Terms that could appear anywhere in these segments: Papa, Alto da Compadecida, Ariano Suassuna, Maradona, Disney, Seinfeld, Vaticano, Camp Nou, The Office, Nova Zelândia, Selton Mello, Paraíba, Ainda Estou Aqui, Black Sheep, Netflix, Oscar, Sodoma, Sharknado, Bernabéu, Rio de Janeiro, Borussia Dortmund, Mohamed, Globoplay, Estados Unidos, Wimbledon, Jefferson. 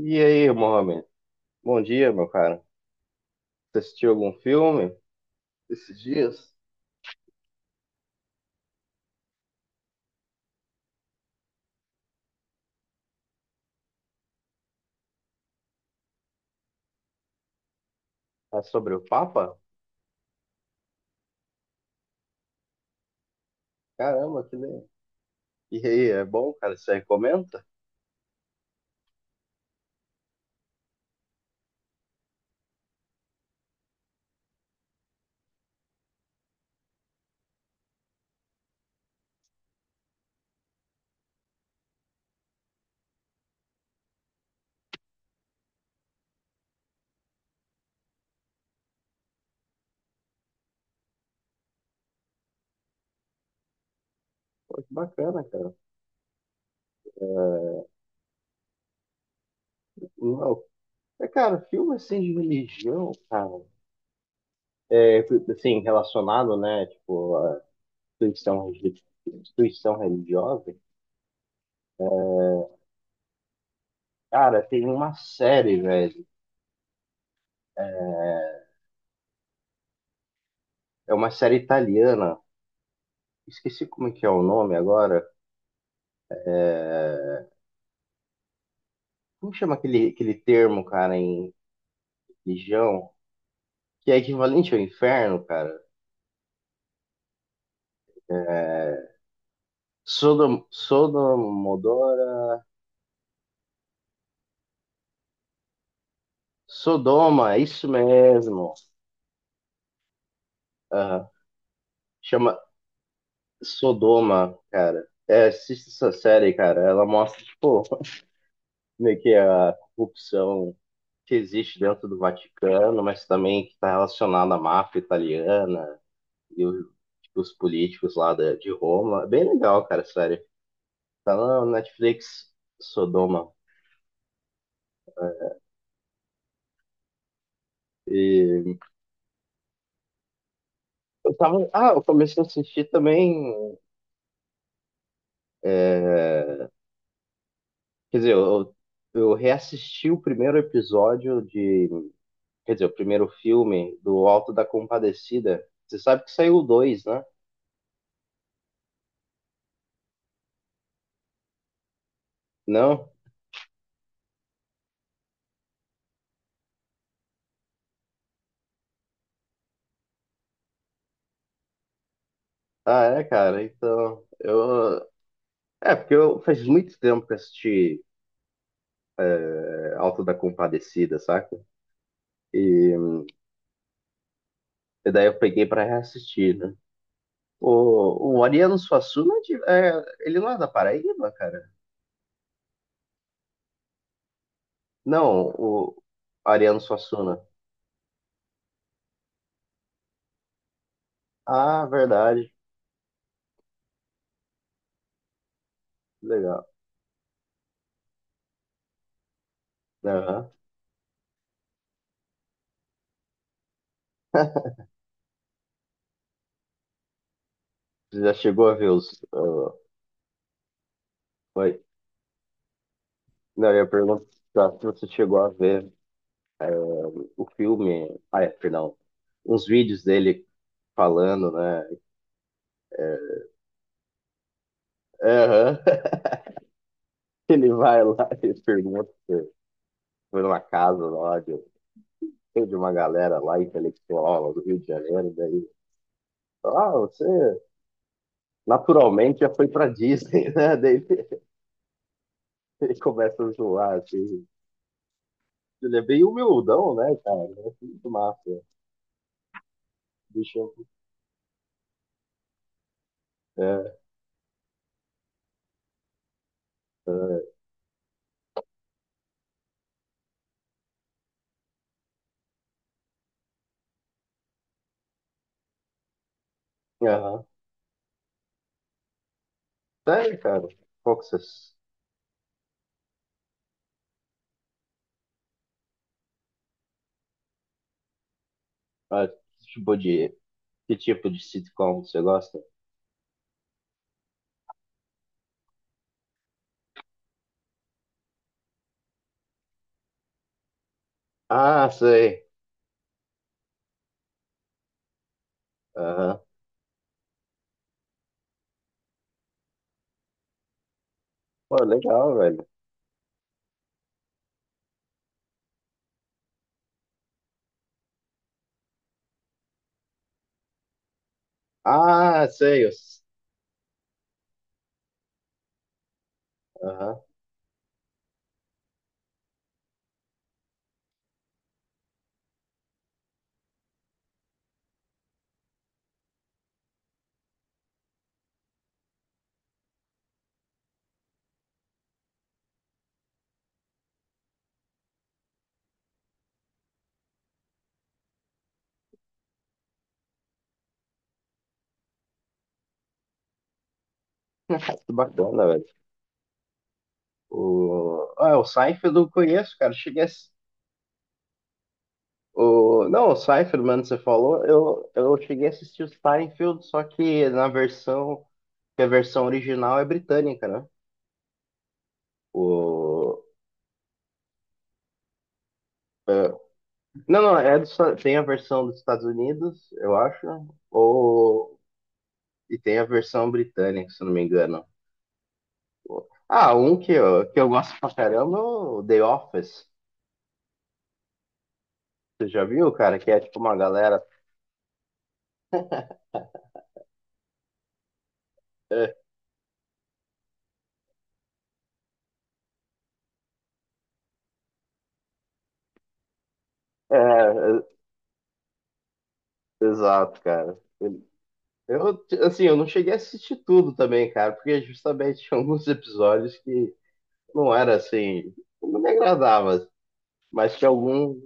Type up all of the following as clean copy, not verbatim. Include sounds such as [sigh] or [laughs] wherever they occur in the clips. E aí, Mohamed? Bom dia, meu cara. Você assistiu algum filme esses dias? Ah, sobre o Papa? Caramba, que legal. E aí, é bom, cara? Você recomenda? Pô, que bacana, cara. Não. É, cara, filme assim de religião, cara. É, assim, relacionado, né? Tipo, a instituição, religi- instituição religiosa. Cara, tem uma série, velho. É é uma série italiana. Esqueci como é que é o nome agora. É, como chama aquele, termo, cara, em religião? Que é equivalente ao inferno, cara. É... Sodom, Sodomodora. Sodoma, é isso mesmo. Aham. Chama Sodoma, cara. É, assista essa série, cara. Ela mostra, tipo, [laughs] meio que a corrupção que existe dentro do Vaticano, mas também que está relacionada à máfia italiana e o- tipo, os políticos lá da- de Roma. É bem legal, cara, sério. Tá na Netflix, Sodoma. E eu tava. Ah, eu comecei a assistir também. Quer dizer, eu reassisti o primeiro episódio de. Quer dizer, o primeiro filme do Alto da Compadecida. Você sabe que saiu o dois, né? Não? Ah, é, cara. Então, eu. É, porque eu faz muito tempo que eu assisti, é, Alto da Compadecida, saca? E, e daí eu peguei pra reassistir, né? O Ariano Suassuna, é de- é, ele não é da Paraíba, cara? Não, o Ariano Suassuna. Ah, verdade. Legal. Aham. [laughs] Você já chegou a ver os. Foi. Não, eu ia perguntar se você chegou a ver, eh, o filme. Ah, é, perdão. Uns vídeos dele falando, né? eh, Aham. [laughs] Ele vai lá e pergunta se foi numa casa lá de uma galera lá intelectual lá do Rio de Janeiro, daí. Ah, você naturalmente já foi pra Disney, [laughs] né? Ele começa a zoar, assim. Ele é bem humildão, né, cara? É muito massa. Deixa eu. É, é, é, aham. Sério, cara. Qual que vocês. Ah, tipo de. Que tipo de sitcom você gosta? Ah, sei. Aham. Pô, legal, velho. Ah, sei. Eu- Aham. [laughs] Que bacana, velho. O... Ah, o Seinfeld eu conheço, cara. Cheguei a... ass- o... Não, o Seinfeld, mano, você falou. Eu cheguei a assistir o Seinfeld, só que na versão. Que a versão original é britânica, né? O, é, não, é do Esta- tem a versão dos Estados Unidos, eu acho, ou e tem a versão britânica, se eu não me engano. Ah, um que eu gosto pra caramba é o The Office. Você já viu, cara? Que é tipo uma galera. [laughs] É, é, exato, cara. Eu, assim, eu não cheguei a assistir tudo também, cara, porque justamente tinha alguns episódios que não era assim, não me agradava, mas tinha algum.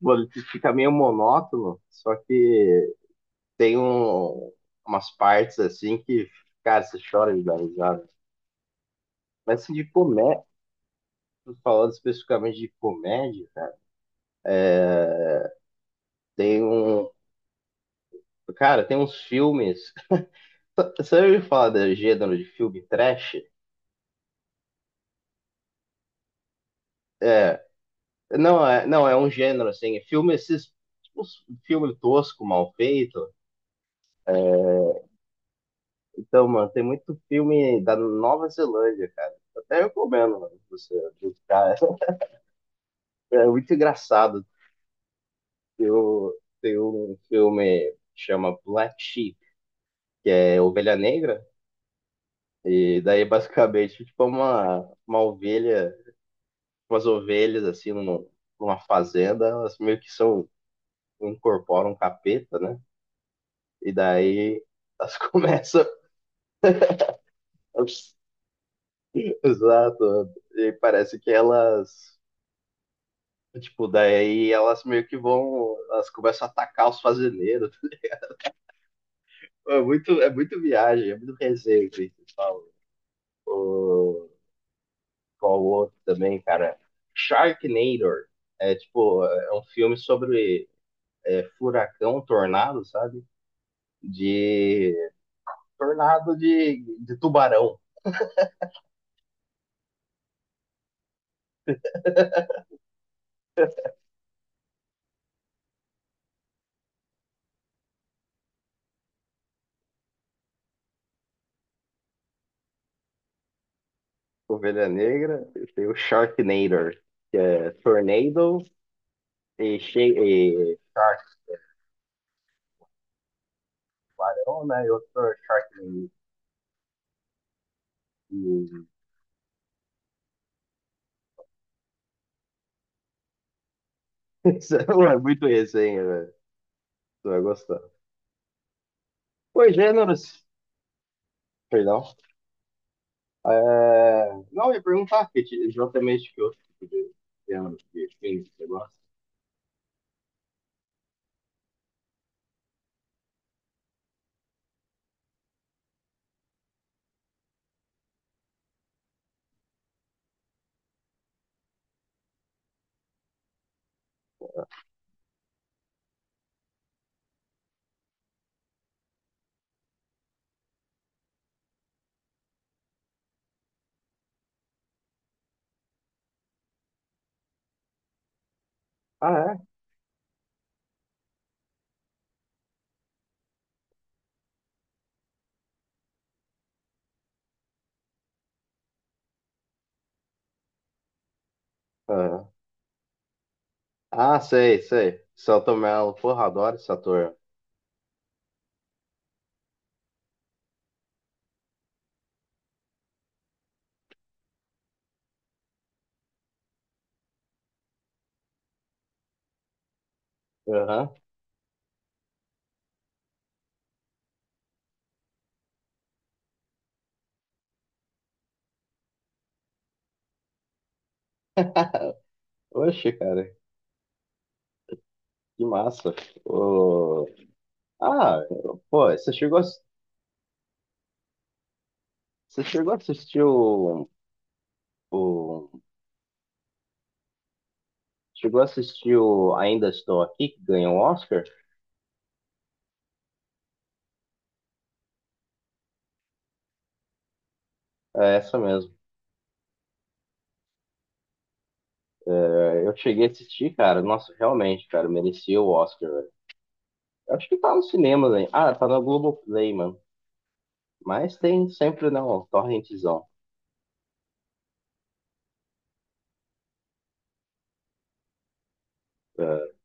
Mano, fica meio monótono, só que tem um, umas partes assim que, cara, você chora de dar risada. Mas assim, de comédia, falando especificamente de comédia, né, tem um. Cara, tem uns filmes. [laughs] Você já ouviu falar do gênero de filme trash? É. Não, é um gênero assim. É filme, esses. Tipo, filme tosco, mal feito. Então, mano, tem muito filme da Nova Zelândia, cara. Até recomendo, mano, pra você buscar. [laughs] É muito engraçado. Eu tenho um filme que chama Black Sheep, é Ovelha Negra, e daí basicamente tipo uma ovelha, umas ovelhas assim num- numa fazenda, elas meio que são, incorporam um capeta, né? E daí elas [laughs] começam. Exato. E parece que elas. Tipo, daí elas meio que vão. Elas começam a atacar os fazendeiros. [laughs] É muito viagem, é muito resenha, assim, que eles falam. O- qual o outro também, cara? Sharknado. É tipo, é um filme sobre, é, furacão, tornado, sabe? De tornado de tubarão. Ovelha Negra, tem o Sharknado, que é tornado e, She e Shark, tubarão, né? E outro é Sharknado. E... [laughs] Isso é muito resenha, velho. Tu vai gostar. Os gêneros, perdão. É, não, eu ia perguntar que, ti- exatamente que outro tipo de tema de filme que você gosta. Ah, é? Ah, ah, sei, sei. Selton Mello, porra, adoro esse ator. Aham. [laughs] Oxe, cara, que massa. Ô, ah, pô, você chegou a assistir o- chegou a assistir o Ainda Estou Aqui, que ganhou o Oscar? É essa mesmo. É, eu cheguei a assistir, cara. Nossa, realmente, cara, merecia o Oscar. Acho que tá nos cinemas, hein? Ah, tá na Globoplay, mano. Mas tem sempre, não, torrentzão. É.